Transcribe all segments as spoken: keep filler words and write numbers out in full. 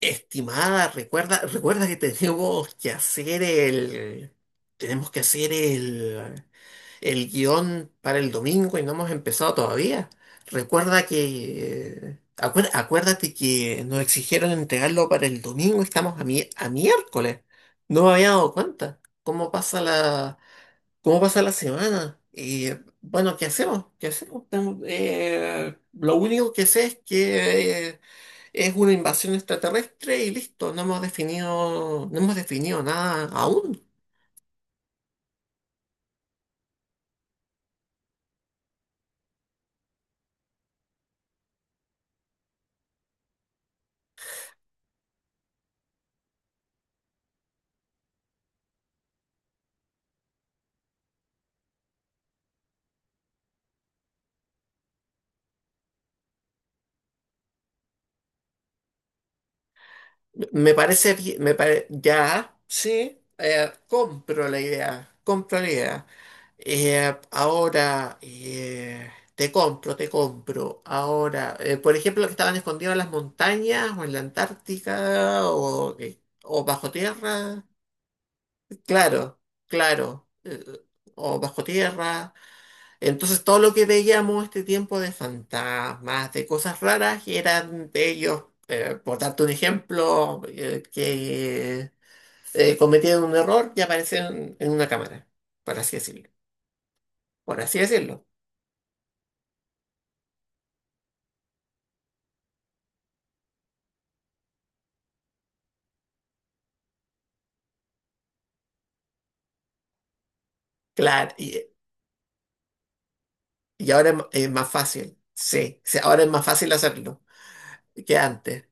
Estimada, recuerda, recuerda que tenemos que hacer el, tenemos que hacer el, el guión para el domingo y no hemos empezado todavía. Recuerda que, acuer- acuérdate que nos exigieron entregarlo para el domingo y estamos a, mi- a miércoles. No me había dado cuenta. ¿Cómo pasa la, cómo pasa la semana? Y bueno, ¿qué hacemos? ¿Qué hacemos? Tengo- eh, lo único que sé es que es una invasión extraterrestre y listo, no hemos definido, no hemos definido nada aún. Me parece bien, me pare- ya, sí, eh, compro la idea, compro la idea. Eh, ahora, eh, te compro, te compro. Ahora, eh, por ejemplo, que estaban escondidos en las montañas o en la Antártica o, eh, o bajo tierra. Claro, claro. Eh, o bajo tierra. Entonces todo lo que veíamos este tiempo de fantasmas, de cosas raras, eran de ellos, eh, por darte un ejemplo, eh, que eh, cometieron un error y aparecieron en una cámara, por así decirlo. Por así decirlo. Claro, y, y ahora es, ma- es más fácil, sí, sí, ahora es más fácil hacerlo que antes.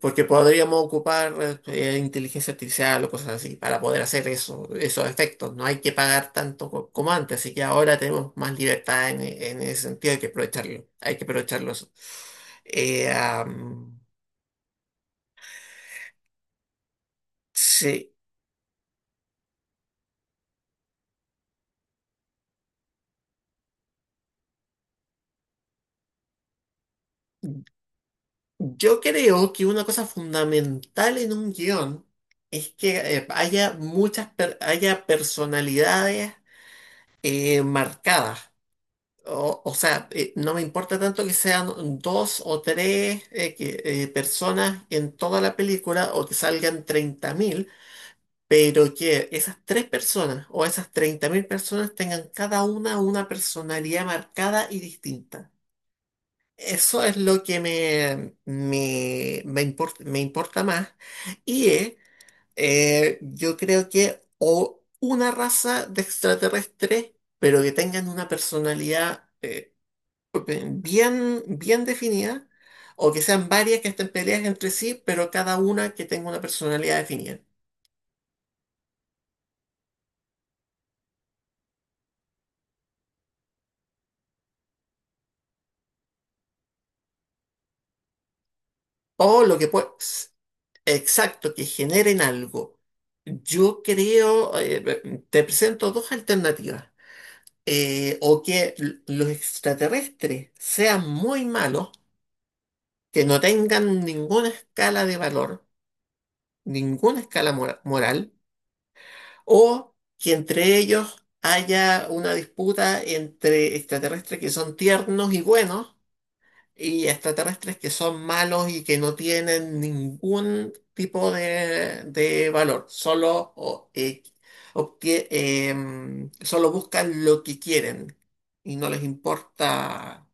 Porque podríamos ocupar eh, inteligencia artificial o cosas así para poder hacer eso, esos efectos. No hay que pagar tanto co- como antes, así que ahora tenemos más libertad en, en ese sentido, hay que aprovecharlo. Hay que aprovecharlo eso. Eh, am, sí, yo creo que una cosa fundamental en un guión es que eh, haya muchas per- haya personalidades eh, marcadas. O, o sea, eh, no me importa tanto que sean dos o tres eh, que- eh, personas en toda la película o que salgan treinta mil, pero que esas tres personas o esas treinta mil personas tengan cada una una personalidad marcada y distinta. Eso es lo que me, me, me import- me importa más. Y eh, eh, yo creo que o una raza de extraterrestres, pero que tengan una personalidad. Eh, bien, bien definidas, o que sean varias que estén peleadas entre sí, pero cada una que tenga una personalidad definida. O lo que puede, exacto, que generen algo. Yo creo, eh, te presento dos alternativas. Eh, o que l- los extraterrestres sean muy malos, que no tengan ninguna escala de valor, ninguna escala mora- moral, o que entre ellos haya una disputa entre extraterrestres que son tiernos y buenos y extraterrestres que son malos y que no tienen ningún tipo de, de valor, solo, o- eh, obtie- em, solo buscan lo que quieren y no les importa.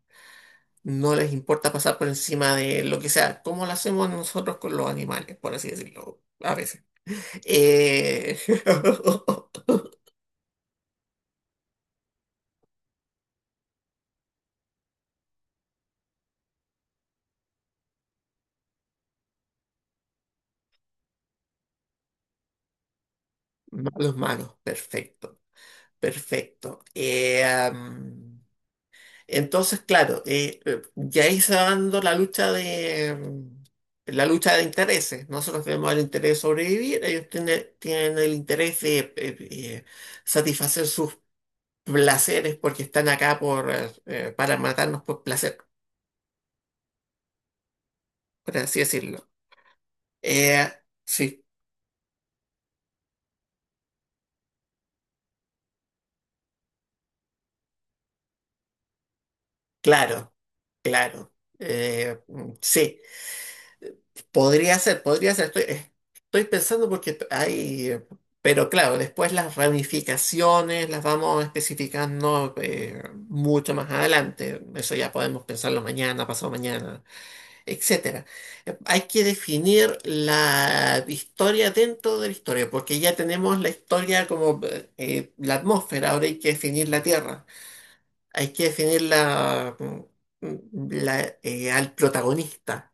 No les importa pasar por encima de lo que sea, como lo hacemos nosotros con los animales, por así decirlo, a veces. Eh, Malos, malos, perfecto, perfecto. Eh, am, entonces, claro, eh, eh, ya ahí se va dando la lucha de mm, la lucha de intereses. Nosotros tenemos el interés de sobrevivir, ellos tiene tienen el interés de eh, eh, satisfacer sus placeres, porque están acá por, eh, eh, para matarnos por placer, por así decirlo. Eh, sí, claro, claro. Eh, mm, sí. Podría ser, podría ser. Estoy, eh, estoy pensando porque t- hay... eh, pero claro, después las ramificaciones las vamos especificando eh, mucho más adelante. Eso ya podemos pensarlo mañana, pasado mañana, etcétera. Eh, Hay que definir la historia dentro de la historia, porque ya tenemos la historia como eh, eh, la atmósfera, ahora hay que definir la tierra. Hay que definir la, la, eh, al protagonista,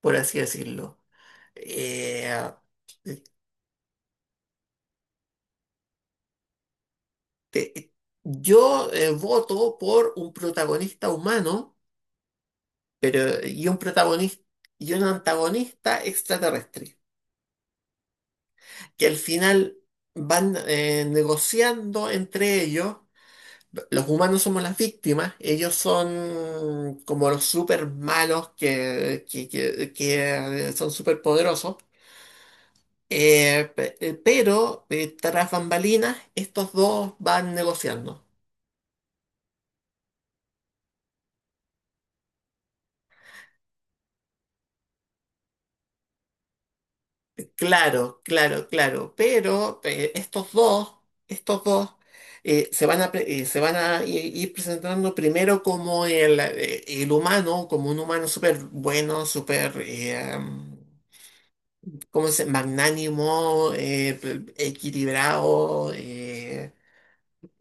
por así decirlo. eh, te- yo eh, voto por un protagonista humano, pero y un protagonista y un antagonista extraterrestre, que al final van eh, negociando entre ellos. Los humanos somos las víctimas, ellos son como los super malos que, que, que- que, eh, son super poderosos. Eh, pe- eh, pero eh, tras bambalinas, estos dos van negociando. Claro, claro, claro, pero eh, estos dos, estos dos eh, se van a, pre- eh, se van a i- ir presentando primero como el, eh, el humano, como un humano súper bueno, súper, eh, ¿cómo se magnánimo, eh, equilibrado, eh,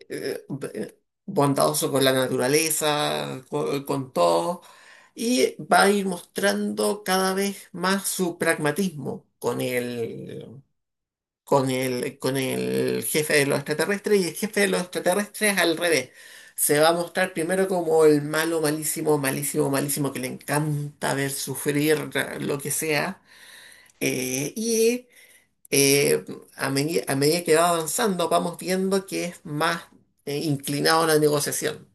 eh, b- bondadoso con la naturaleza, co- con todo, y va a ir mostrando cada vez más su pragmatismo con él con el, con el jefe de los extraterrestres, y el jefe de los extraterrestres al revés. Se va a mostrar primero como el malo, malísimo, malísimo, malísimo, que le encanta ver sufrir eh, lo que sea. Eh, y eh, a, medi- a medida que va avanzando, vamos viendo que es más eh, inclinado a la negociación.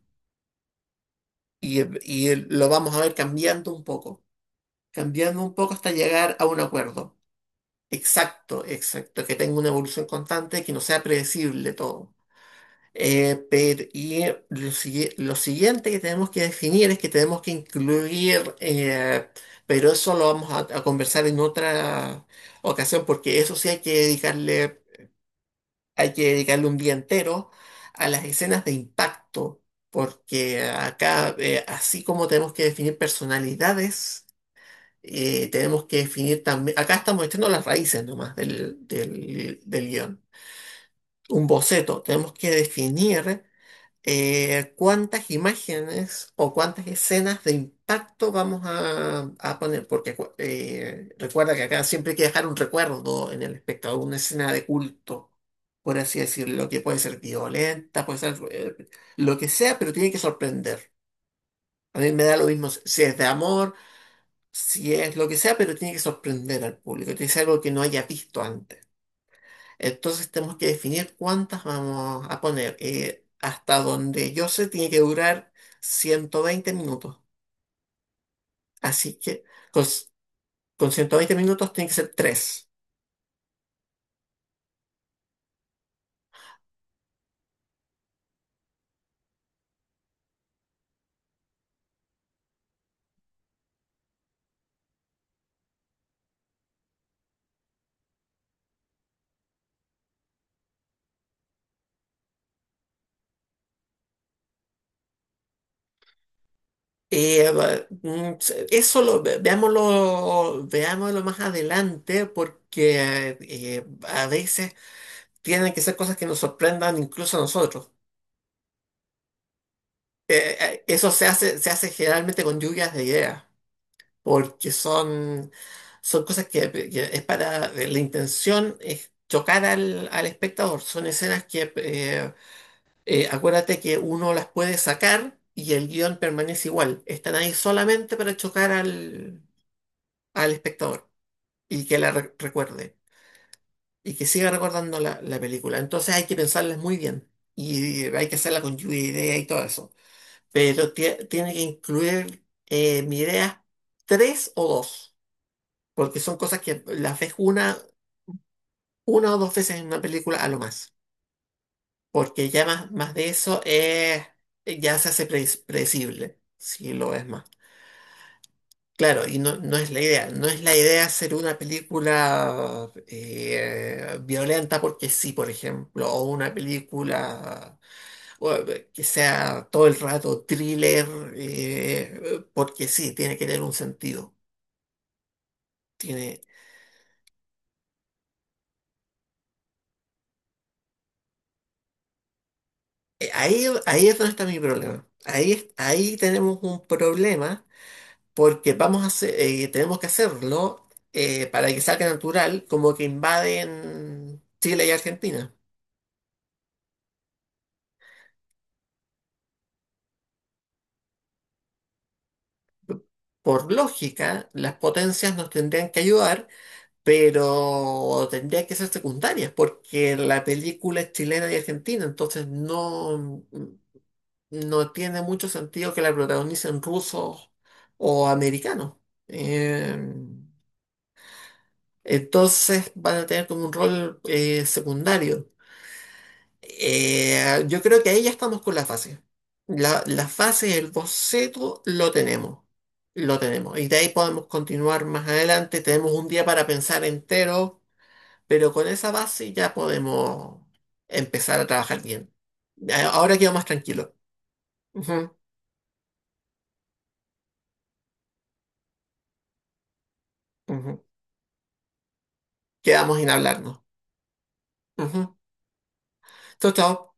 Y, y lo vamos a ver cambiando un poco, cambiando un poco hasta llegar a un acuerdo. Exacto, exacto, que tenga una evolución constante, que no sea predecible todo. Eh, pero, y eh, lo, sigui- lo siguiente que tenemos que definir es que tenemos que incluir, eh, pero eso lo vamos a, a conversar en otra ocasión, porque eso sí hay que dedicarle, hay que dedicarle un día entero a las escenas de impacto, porque acá, eh, así como tenemos que definir personalidades, eh, tenemos que definir también, acá estamos echando las raíces nomás del, del, del guión. Un boceto, tenemos que definir eh, cuántas imágenes o cuántas escenas de impacto vamos a, a poner, porque acu- eh, recuerda que acá siempre hay que dejar un recuerdo en el espectador, una escena de culto, por así decirlo, que puede ser violenta, puede ser eh, lo que sea, pero tiene que sorprender. A mí me da lo mismo si si es de amor, si es lo que sea, pero tiene que sorprender al público, tiene que ser algo que no haya visto antes. Entonces tenemos que definir cuántas vamos a poner. Eh, hasta donde yo sé, tiene que durar ciento veinte minutos. Así que con, con ciento veinte minutos tiene que ser tres. Eh, va- mm, se- eso lo ve- veámoslo, veámoslo más adelante, porque eh, a veces tienen que ser cosas que nos sorprendan incluso a nosotros. Eh, eh, eso se hace, se hace generalmente con lluvias de ideas, porque son, son cosas que, que es para, la intención es chocar al, al espectador, son escenas que, eh, eh, acuérdate que uno las puede sacar y el guión permanece igual, están ahí solamente para chocar al, al espectador y que la re- recuerde y que siga recordando la, la película. Entonces hay que pensarlas muy bien y hay que hacerla con lluvia de ideas y todo eso, pero tie- tiene que incluir, eh, mi idea, tres o dos. Porque son cosas que las ves una, una o dos veces en una película a lo más, porque ya más, más de eso es, ya se hace pre- predecible, si lo ves más. Claro, y no, no es la idea, no es la idea hacer una película eh, violenta porque sí, por ejemplo, o una película, bueno, que sea todo el rato thriller, eh, porque sí, tiene que tener un sentido. Tiene... Eh, Ahí, ahí es donde está mi problema. Ahí, es- ahí tenemos un problema porque vamos a hacer, eh, tenemos que hacerlo eh, para que salga natural, como que invaden Chile y Argentina. Por lógica, las potencias nos tendrían que ayudar, pero tendrían que ser secundarias, porque la película es chilena y argentina, entonces no, mm, no tiene mucho sentido que la protagonicen rusos o americanos. Em, Entonces van a tener como un rol eh, secundario. Eh, yo creo que ahí ya estamos con la fase. La, la fase, el boceto, lo tenemos. Lo tenemos. Y de ahí podemos continuar más adelante. Tenemos un día para pensar entero, pero con esa base ya podemos empezar a trabajar bien. A- Ahora quedo más tranquilo. Ujú, ujú. Quedamos en hablarnos. Ujú. Chau, chau.